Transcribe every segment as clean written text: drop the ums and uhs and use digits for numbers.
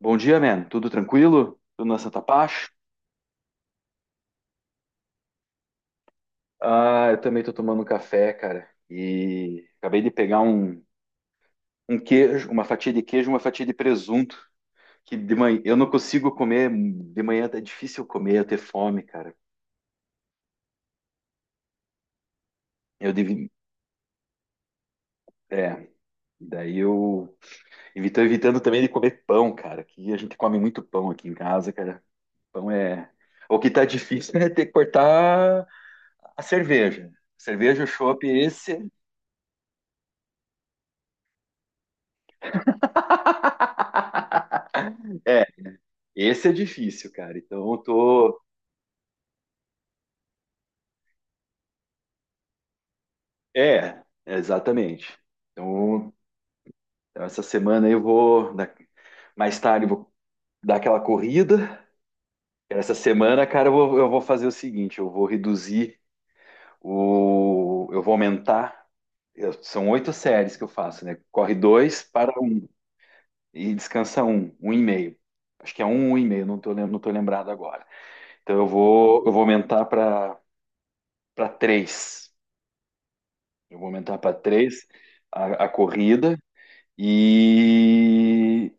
Bom dia, man. Tudo tranquilo? Tudo na Santa Paz? Ah, eu também tô tomando um café, cara. E acabei de pegar um queijo, uma fatia de queijo, uma fatia de presunto. Que de manhã eu não consigo comer. De manhã é difícil comer, eu ter fome, cara. Eu devi. É. Daí eu estou evitando também de comer pão, cara. Que a gente come muito pão aqui em casa, cara. Pão é. O que tá difícil é ter que cortar a cerveja. Cerveja, chopp, esse. Esse é difícil, cara. Então eu tô. É, exatamente. Então, então essa semana mais tarde eu vou dar aquela corrida. Essa semana, cara, eu vou fazer o seguinte: eu vou reduzir o. eu vou aumentar. São oito séries que eu faço, né? Corre dois para um e descansa um, um e meio. Acho que é um, um e meio, não tô, não tô lembrado agora. Então eu vou aumentar para três. Eu vou aumentar para três a corrida e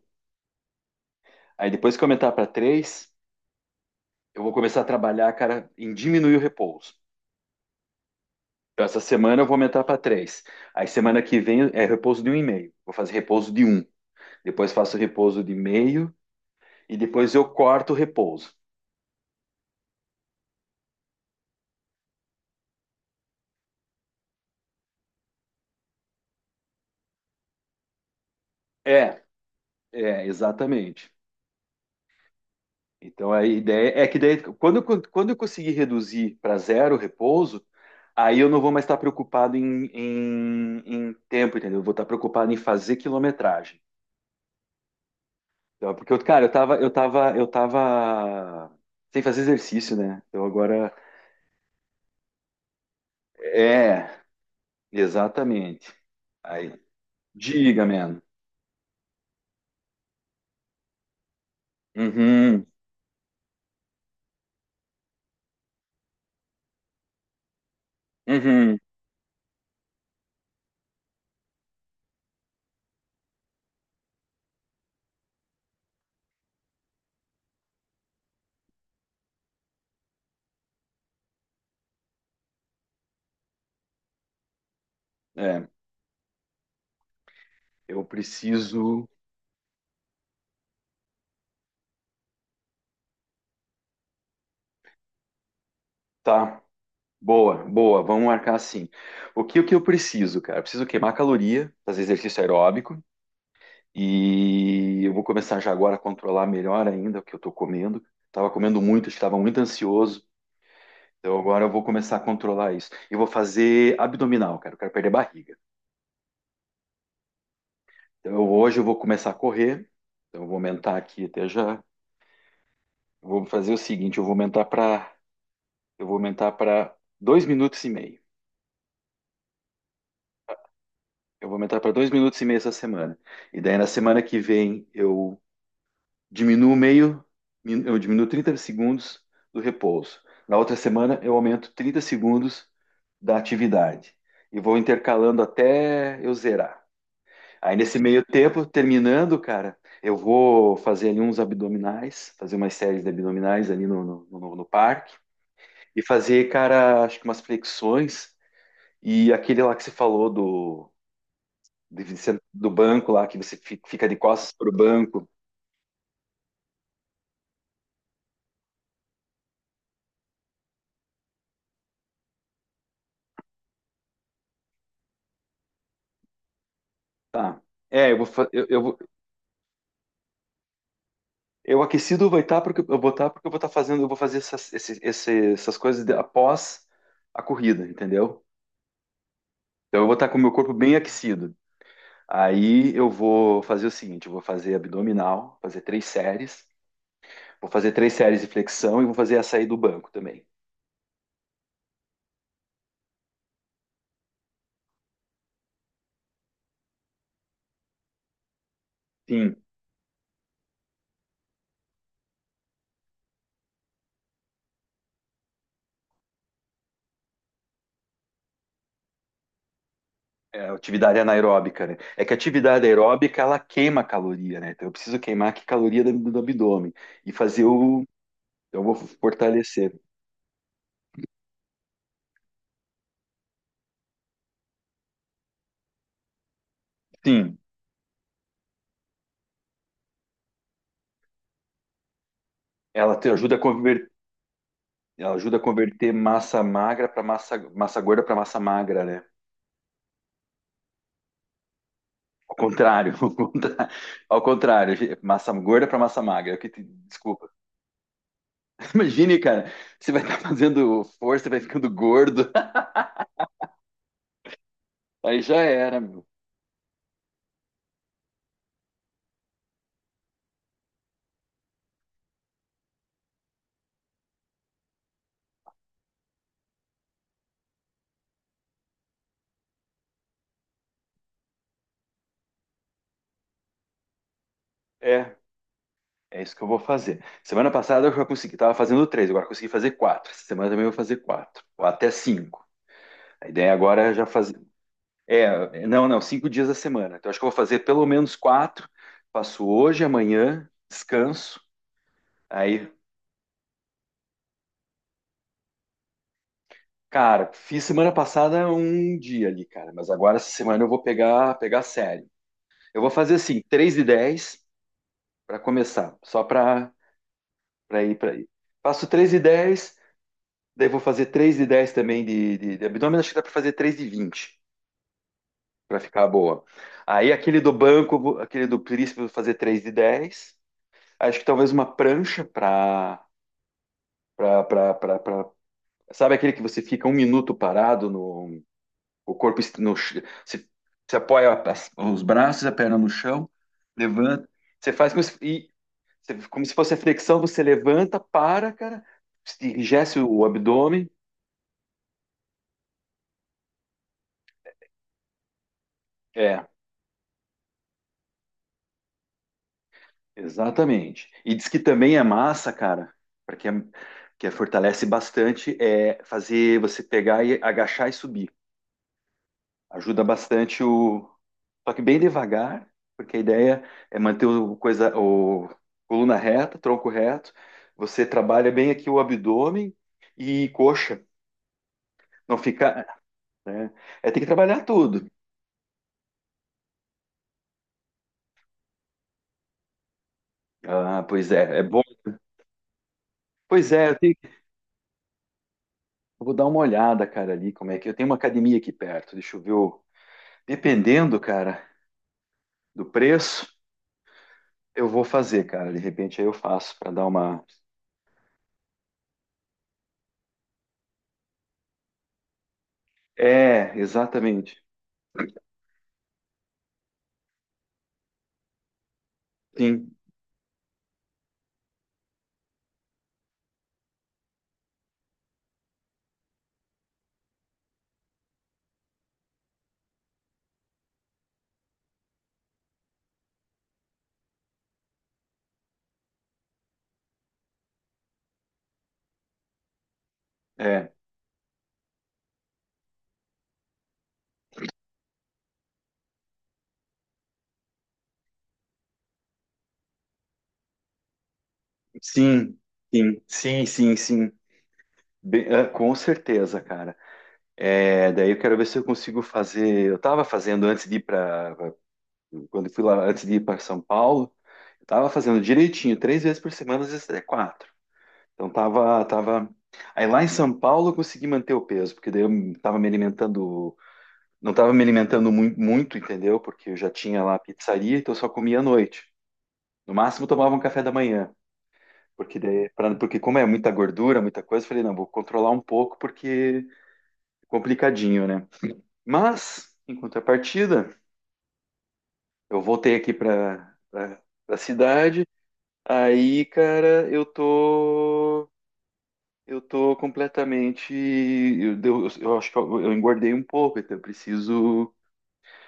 aí depois que eu aumentar para três, eu vou começar a trabalhar, cara, em diminuir o repouso. Então essa semana eu vou aumentar para três. Aí semana que vem é repouso de um e meio. Vou fazer repouso de um. Depois faço repouso de meio e depois eu corto o repouso. É, exatamente. Então a ideia é que daí, quando eu conseguir reduzir para zero o repouso, aí eu não vou mais estar preocupado em tempo, entendeu? Eu vou estar preocupado em fazer quilometragem. Então, é porque, eu, cara, eu tava sem fazer exercício, né? Então agora é, exatamente. Aí, diga, mano. Uhum, uhum. É, eu preciso, tá? Boa, boa, vamos marcar assim. O que eu preciso, cara? Eu preciso queimar caloria, fazer exercício aeróbico e eu vou começar já agora a controlar melhor ainda o que eu tô comendo. Tava comendo muito, estava muito ansioso, então agora eu vou começar a controlar isso. Eu vou fazer abdominal, cara, eu quero perder barriga. Então hoje eu vou começar a correr, então eu vou aumentar aqui até já. Eu vou fazer o seguinte, eu vou aumentar para dois minutos e meio. Eu vou aumentar para dois minutos e meio essa semana. E daí na semana que vem eu diminuo meio, eu diminuo 30 segundos do repouso. Na outra semana, eu aumento 30 segundos da atividade. E vou intercalando até eu zerar. Aí, nesse meio tempo, terminando, cara, eu vou fazer ali uns abdominais, fazer umas séries de abdominais ali no parque. E fazer, cara, acho que umas flexões. E aquele lá que você falou do, de- do banco lá, que você fica de costas pro banco. Tá. É, eu vou, fa- eu vou, Eu aquecido vai estar porque eu vou estar porque eu vou estar fazendo, eu vou fazer essas, essas coisas após a corrida, entendeu? Então eu vou estar com o meu corpo bem aquecido. Aí eu vou fazer o seguinte, eu vou fazer abdominal, fazer três séries, vou fazer três séries de flexão e vou fazer a saída do banco também. Sim, é atividade anaeróbica, né? É que a atividade aeróbica ela queima caloria, né? Então eu preciso queimar que caloria do abdômen e fazer então, eu vou fortalecer. Sim, ela te ajuda a converter. Ela ajuda a converter massa magra para massa gorda para massa magra, né? Ao contrário, ao ao contrário, massa gorda para massa magra. Desculpa. Imagine, cara, você vai estar fazendo força, vai ficando gordo, aí já era, meu. É, é isso que eu vou fazer. Semana passada eu já consegui, tava fazendo três, agora consegui fazer quatro. Essa semana também eu vou fazer quatro, ou até cinco. A ideia agora é já fazer. É, não, não, cinco dias da semana. Então acho que eu vou fazer pelo menos quatro. Faço hoje, amanhã, descanso. Aí, cara, fiz semana passada um dia ali, cara, mas agora essa semana eu vou pegar sério. Eu vou fazer assim, 3 de 10 para começar, só para ir. Faço 3 de 10, daí vou fazer 3 de 10 também de abdômen, acho que dá para fazer 3 de 20 para ficar boa. Aí aquele do banco, aquele do príncipe, eu vou fazer 3 de 10. Acho que talvez uma prancha para sabe aquele que você fica um minuto parado. O corpo est- no, ch- você, você apoia os braços, a perna no chão, levanta. Você faz como se fosse a flexão, você levanta, para, cara, enrijece o abdômen. É, exatamente. E diz que também é massa, cara, porque fortalece bastante, é fazer você pegar e agachar e subir. Ajuda bastante o. Só que bem devagar, porque a ideia é manter o coluna reta, tronco reto. Você trabalha bem aqui o abdômen e coxa. Não fica, né? É, tem que trabalhar tudo. Ah, pois é, é bom. Pois é, eu vou dar uma olhada, cara, ali como é que eu tenho uma academia aqui perto. Deixa eu ver. Dependendo, cara, do preço, eu vou fazer, cara. De repente aí eu faço para dar uma. É, exatamente. Sim, é, sim, sim, sim, sim, sim. Bem, é, com certeza, cara. É, daí eu quero ver se eu consigo fazer. Eu estava fazendo antes de ir para Quando eu fui lá antes de ir para São Paulo, eu estava fazendo direitinho, três vezes por semana, às vezes até quatro. Então tava, tava. Aí lá em São Paulo eu consegui manter o peso, porque daí eu tava me alimentando, não tava me alimentando muito, entendeu? Porque eu já tinha lá a pizzaria, então eu só comia à noite. No máximo eu tomava um café da manhã, porque porque como é muita gordura, muita coisa, eu falei, não, vou controlar um pouco porque é complicadinho, né? Mas, em contrapartida, eu voltei aqui para a cidade. Aí, cara, eu tô. Eu tô completamente. Eu acho que eu engordei um pouco, então eu preciso.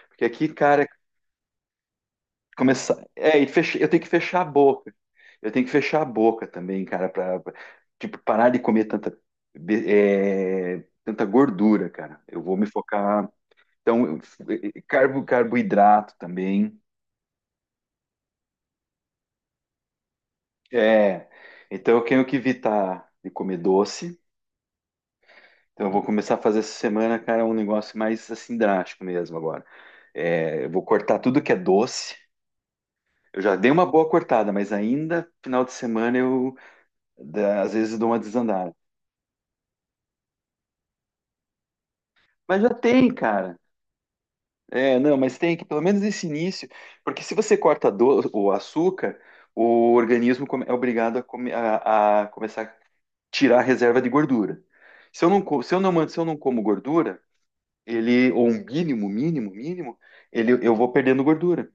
Porque aqui, cara, começar. É, eu tenho que fechar a boca. Eu tenho que fechar a boca também, cara, tipo, parar de comer tanta, be- tanta gordura, cara. Eu vou me focar. Então, eu- Carbo, carboidrato também. É, então eu tenho que evitar de comer doce. Então eu vou começar a fazer essa semana, cara, um negócio mais assim drástico mesmo agora. É, eu vou cortar tudo que é doce. Eu já dei uma boa cortada, mas ainda final de semana eu às vezes dou uma desandada. Mas já tem, cara. É, não, mas tem que pelo menos esse início, porque se você corta o açúcar, o organismo é obrigado a a começar a tirar a reserva de gordura. Se eu não, se eu não, se eu não como gordura ele, ou um mínimo, mínimo, mínimo, ele, eu vou perdendo gordura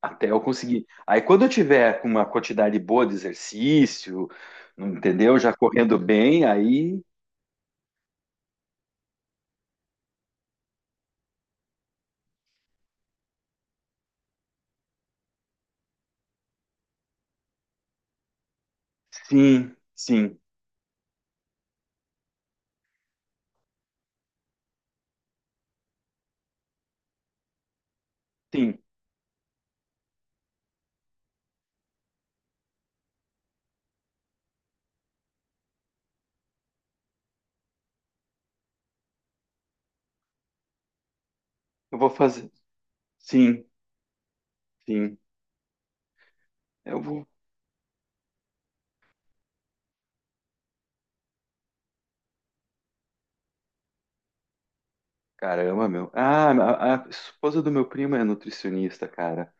até eu conseguir. Aí quando eu tiver com uma quantidade boa de exercício, não entendeu? Já correndo bem, aí sim, sim, sim, eu vou fazer, sim, sim, eu vou. Caramba, meu. Ah, a esposa do meu primo é nutricionista, cara.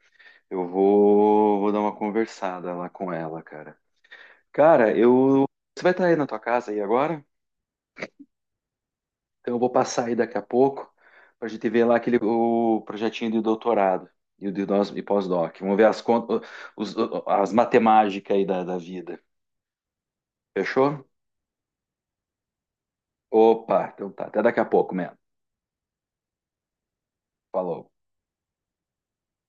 Eu vou dar uma conversada lá com ela, cara. Cara, eu. Você vai estar aí na tua casa aí agora? Então eu vou passar aí daqui a pouco para a gente ver lá aquele o projetinho de doutorado e o de nós e pós-doc. Vamos ver as contas, os- as matemáticas aí da vida. Fechou? Opa, então tá. Até daqui a pouco, mesmo. Falou.